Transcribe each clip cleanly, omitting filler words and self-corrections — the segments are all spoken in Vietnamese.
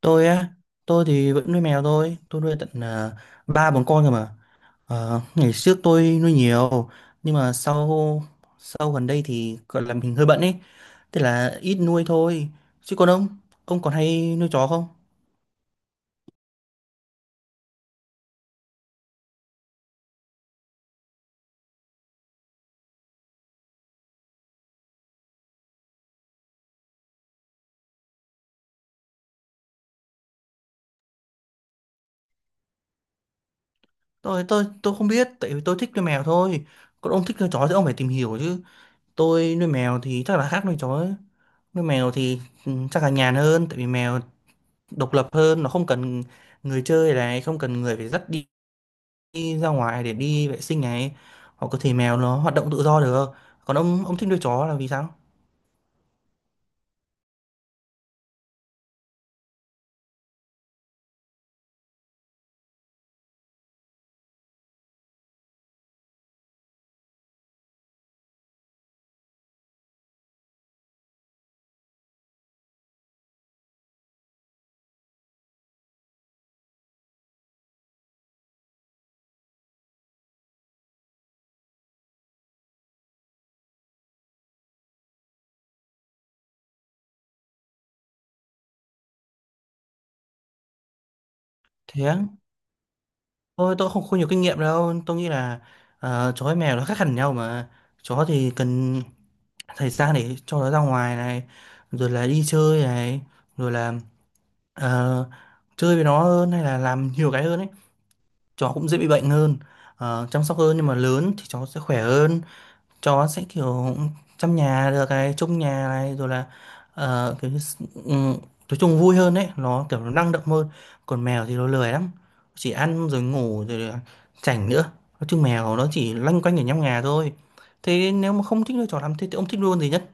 Tôi á? Tôi thì vẫn nuôi mèo thôi, tôi nuôi tận, ba bốn con rồi mà. Ngày trước tôi nuôi nhiều, nhưng mà sau sau gần đây thì gọi là mình hơi bận ấy, thế là ít nuôi thôi. Chứ còn ông còn hay nuôi chó không? Tôi không biết, tại vì tôi thích nuôi mèo thôi, còn ông thích nuôi chó thì ông phải tìm hiểu chứ. Tôi nuôi mèo thì chắc là khác nuôi chó ấy. Nuôi mèo thì chắc là nhàn hơn, tại vì mèo độc lập hơn, nó không cần người chơi này, không cần người phải dắt đi, đi ra ngoài để đi vệ sinh này, hoặc có thể mèo nó hoạt động tự do được. Còn ông thích nuôi chó là vì sao? Thế á? Tôi không không nhiều kinh nghiệm đâu, tôi nghĩ là chó với mèo nó khác hẳn nhau mà. Chó thì cần thời gian để cho nó ra ngoài này, rồi là đi chơi này, rồi là ờ, chơi với nó hơn hay là làm nhiều cái hơn ấy. Chó cũng dễ bị bệnh hơn, chăm sóc hơn, nhưng mà lớn thì chó sẽ khỏe hơn. Chó sẽ kiểu chăm nhà được này, trông nhà này, rồi là kiểu như nói chung vui hơn đấy, nó kiểu nó năng động hơn. Còn mèo thì nó lười lắm, chỉ ăn rồi ngủ rồi là chảnh nữa. Nói chung mèo nó chỉ loanh quanh ở trong nhà thôi. Thế nếu mà không thích nuôi chó lắm thế, thì ông thích nuôi con gì nhất?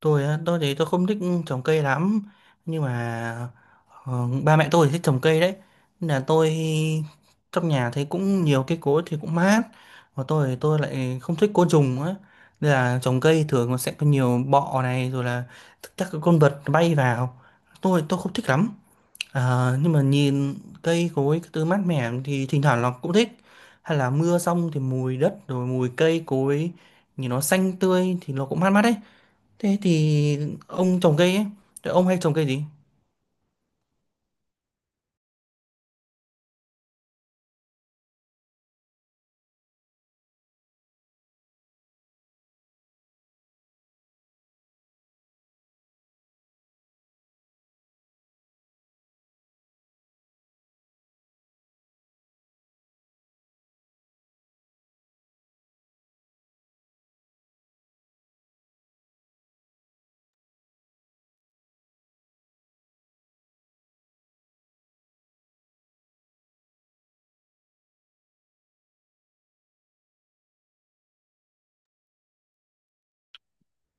Tôi á? Tôi thì tôi không thích trồng cây lắm, nhưng mà ba mẹ tôi thì thích trồng cây đấy. Nên là tôi trong nhà thấy cũng nhiều cây cối thì cũng mát. Và tôi thì tôi lại không thích côn trùng á, nên là trồng cây thường nó sẽ có nhiều bọ này rồi là các cái con vật bay vào, tôi không thích lắm. Nhưng mà nhìn cây cối cái thứ mát mẻ thì thỉnh thoảng nó cũng thích, hay là mưa xong thì mùi đất rồi mùi cây cối, nhìn nó xanh tươi thì nó cũng mát mắt đấy. Thế thì ông trồng cây ấy, thì ông hay trồng cây gì?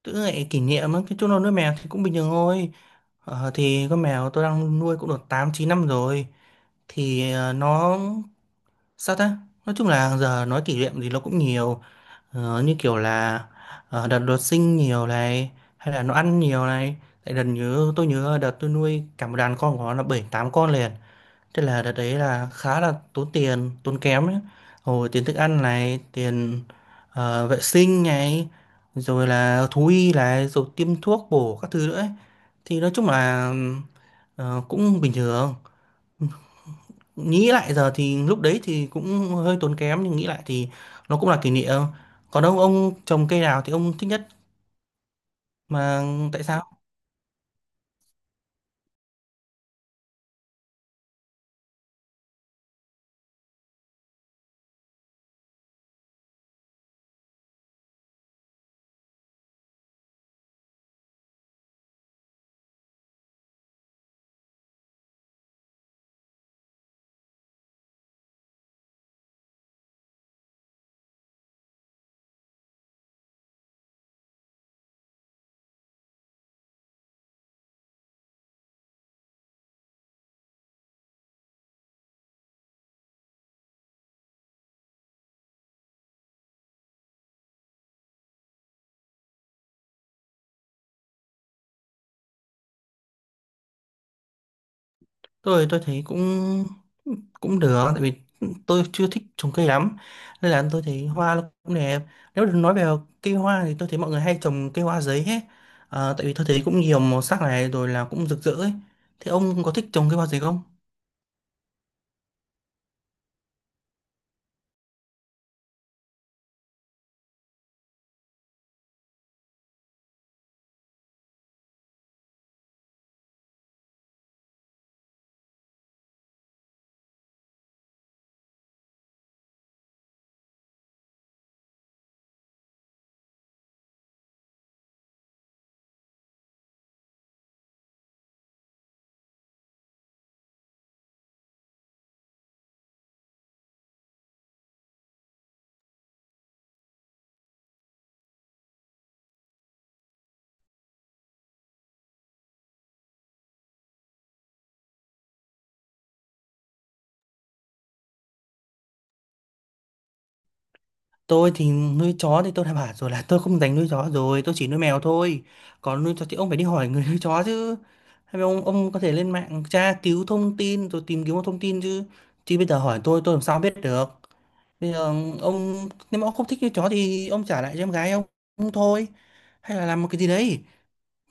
Tớ lại kỷ niệm á, cái chỗ nuôi mèo thì cũng bình thường thôi. Thì con mèo tôi đang nuôi cũng được 8-9 năm rồi. Thì nó sao ta? Nói chung là giờ nói kỷ niệm thì nó cũng nhiều. Như kiểu là đợt đột sinh nhiều này, hay là nó ăn nhiều này. Tại đợt nhớ tôi nhớ đợt tôi nuôi cả một đàn con của nó là bảy tám con liền. Thế là đợt đấy là khá là tốn tiền, tốn kém đấy. Hồi tiền thức ăn này, tiền vệ sinh này, rồi là thú y này, rồi tiêm thuốc bổ các thứ nữa ấy. Thì nói chung là cũng bình thường. Nghĩ lại giờ thì lúc đấy thì cũng hơi tốn kém, nhưng nghĩ lại thì nó cũng là kỷ niệm. Còn ông trồng cây nào thì ông thích nhất mà, tại sao? Tôi thấy cũng cũng được, tại vì tôi chưa thích trồng cây lắm, nên là tôi thấy hoa nó cũng đẹp. Nếu được nói về cây hoa thì tôi thấy mọi người hay trồng cây hoa giấy hết. Tại vì tôi thấy cũng nhiều màu sắc này rồi là cũng rực rỡ ấy. Thế ông có thích trồng cây hoa giấy không? Tôi thì nuôi chó thì tôi đã bảo rồi là tôi không dành nuôi chó rồi, tôi chỉ nuôi mèo thôi. Còn nuôi chó thì ông phải đi hỏi người nuôi chó chứ, hay là ông có thể lên mạng tra cứu thông tin rồi tìm kiếm thông tin chứ. Chứ bây giờ hỏi tôi làm sao biết được. Bây giờ ông, nếu mà ông không thích cái chó thì ông trả lại cho em gái ông. Ông thôi, hay là làm một cái gì đấy.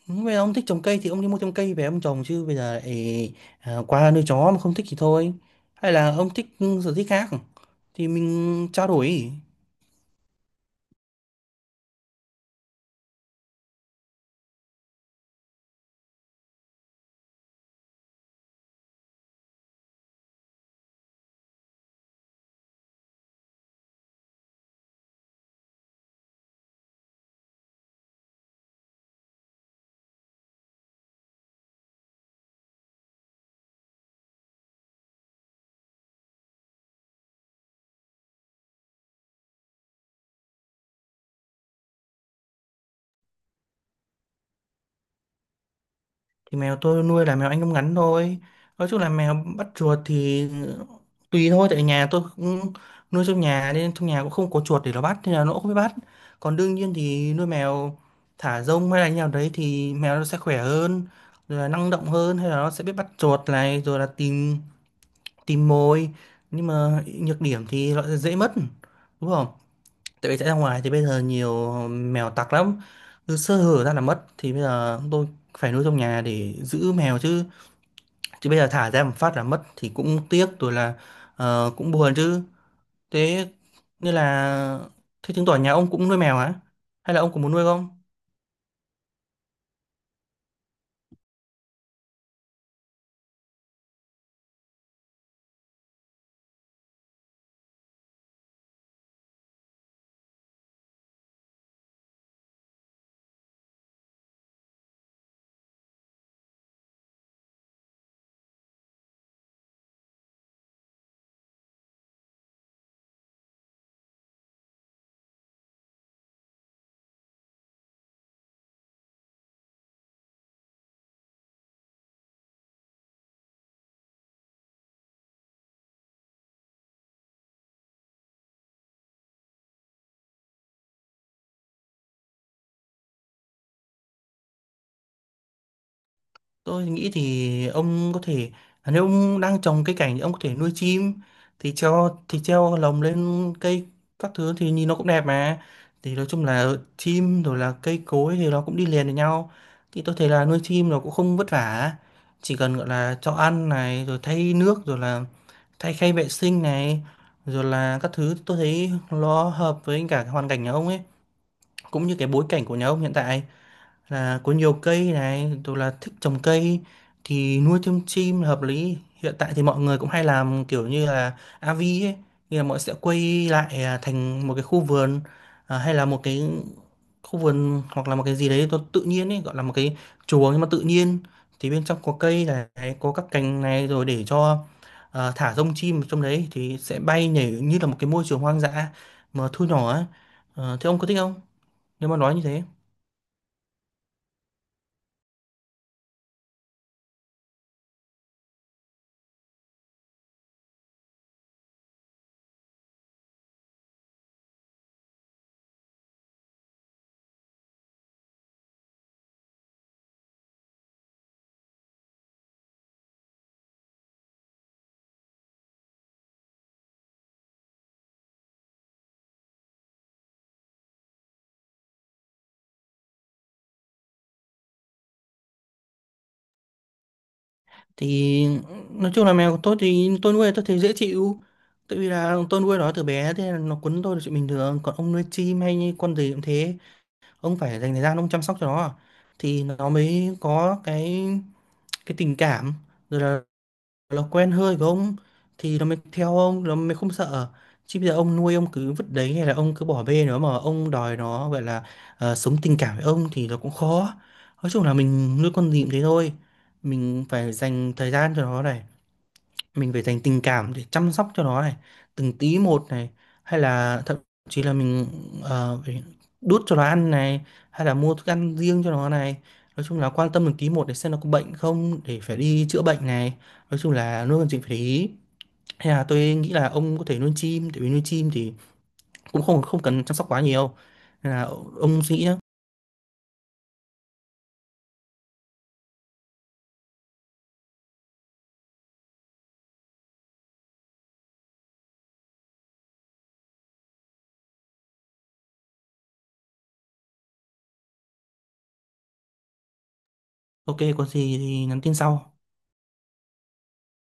Bây giờ ông thích trồng cây thì ông đi mua trồng cây về ông trồng, chứ bây giờ lại qua nuôi chó mà không thích thì thôi. Hay là ông thích sở thích khác thì mình trao đổi. Thì mèo tôi nuôi là mèo Anh Công ngắn thôi. Nói chung là mèo bắt chuột thì tùy thôi, tại nhà tôi cũng nuôi trong nhà nên trong nhà cũng không có chuột để nó bắt nên là nó cũng không biết bắt. Còn đương nhiên thì nuôi mèo thả rông hay là như nào đấy thì mèo nó sẽ khỏe hơn, rồi là năng động hơn, hay là nó sẽ biết bắt chuột này rồi là tìm tìm mồi. Nhưng mà nhược điểm thì nó dễ mất, đúng không? Tại vì chạy ra ngoài thì bây giờ nhiều mèo tặc lắm, cứ sơ hở ra là mất. Thì bây giờ tôi phải nuôi trong nhà để giữ mèo chứ, chứ bây giờ thả ra một phát là mất thì cũng tiếc, rồi là cũng buồn chứ. Thế như là, thế chứng tỏ nhà ông cũng nuôi mèo hả, hay là ông cũng muốn nuôi không? Tôi nghĩ thì ông có thể, nếu ông đang trồng cây cảnh thì ông có thể nuôi chim, thì treo, lồng lên cây các thứ thì nhìn nó cũng đẹp mà. Thì nói chung là chim rồi là cây cối thì nó cũng đi liền với nhau, thì tôi thấy là nuôi chim nó cũng không vất vả, chỉ cần gọi là cho ăn này rồi thay nước rồi là thay khay vệ sinh này rồi là các thứ. Tôi thấy nó hợp với cả cái hoàn cảnh nhà ông ấy, cũng như cái bối cảnh của nhà ông hiện tại là có nhiều cây này rồi là thích trồng cây, thì nuôi thêm chim là hợp lý. Hiện tại thì mọi người cũng hay làm kiểu như là avi ấy, như là mọi sẽ quay lại thành một cái khu vườn, hay là một cái khu vườn hoặc là một cái gì đấy nó tự nhiên ấy, gọi là một cái chuồng nhưng mà tự nhiên. Thì bên trong có cây này, có các cành này, rồi để cho thả rông chim ở trong đấy thì sẽ bay nhảy như là một cái môi trường hoang dã mà thu nhỏ ấy. Thế ông có thích không, nếu mà nói như thế? Thì nói chung là mèo của tôi thì tôi nuôi tôi thấy dễ chịu, tại vì là tôi nuôi nó từ bé thế nên nó quấn tôi là chuyện bình thường. Còn ông nuôi chim hay như con gì cũng thế, ông phải dành thời gian ông chăm sóc cho nó thì nó mới có cái tình cảm, rồi là nó quen hơi với ông thì nó mới theo ông, nó mới không sợ. Chứ bây giờ ông nuôi ông cứ vứt đấy, hay là ông cứ bỏ bê nó mà ông đòi nó gọi là sống tình cảm với ông thì nó cũng khó. Nói chung là mình nuôi con gì cũng thế thôi, mình phải dành thời gian cho nó này, mình phải dành tình cảm để chăm sóc cho nó này, từng tí một này, hay là thậm chí là mình phải đút cho nó ăn này, hay là mua thức ăn riêng cho nó này. Nói chung là quan tâm từng tí một để xem nó có bệnh không, để phải đi chữa bệnh này. Nói chung là nuôi con chim phải để ý, hay là tôi nghĩ là ông có thể nuôi chim, tại vì nuôi chim thì cũng không không cần chăm sóc quá nhiều, nên là ông suy nghĩ nhá. OK, có gì thì nhắn tin sau.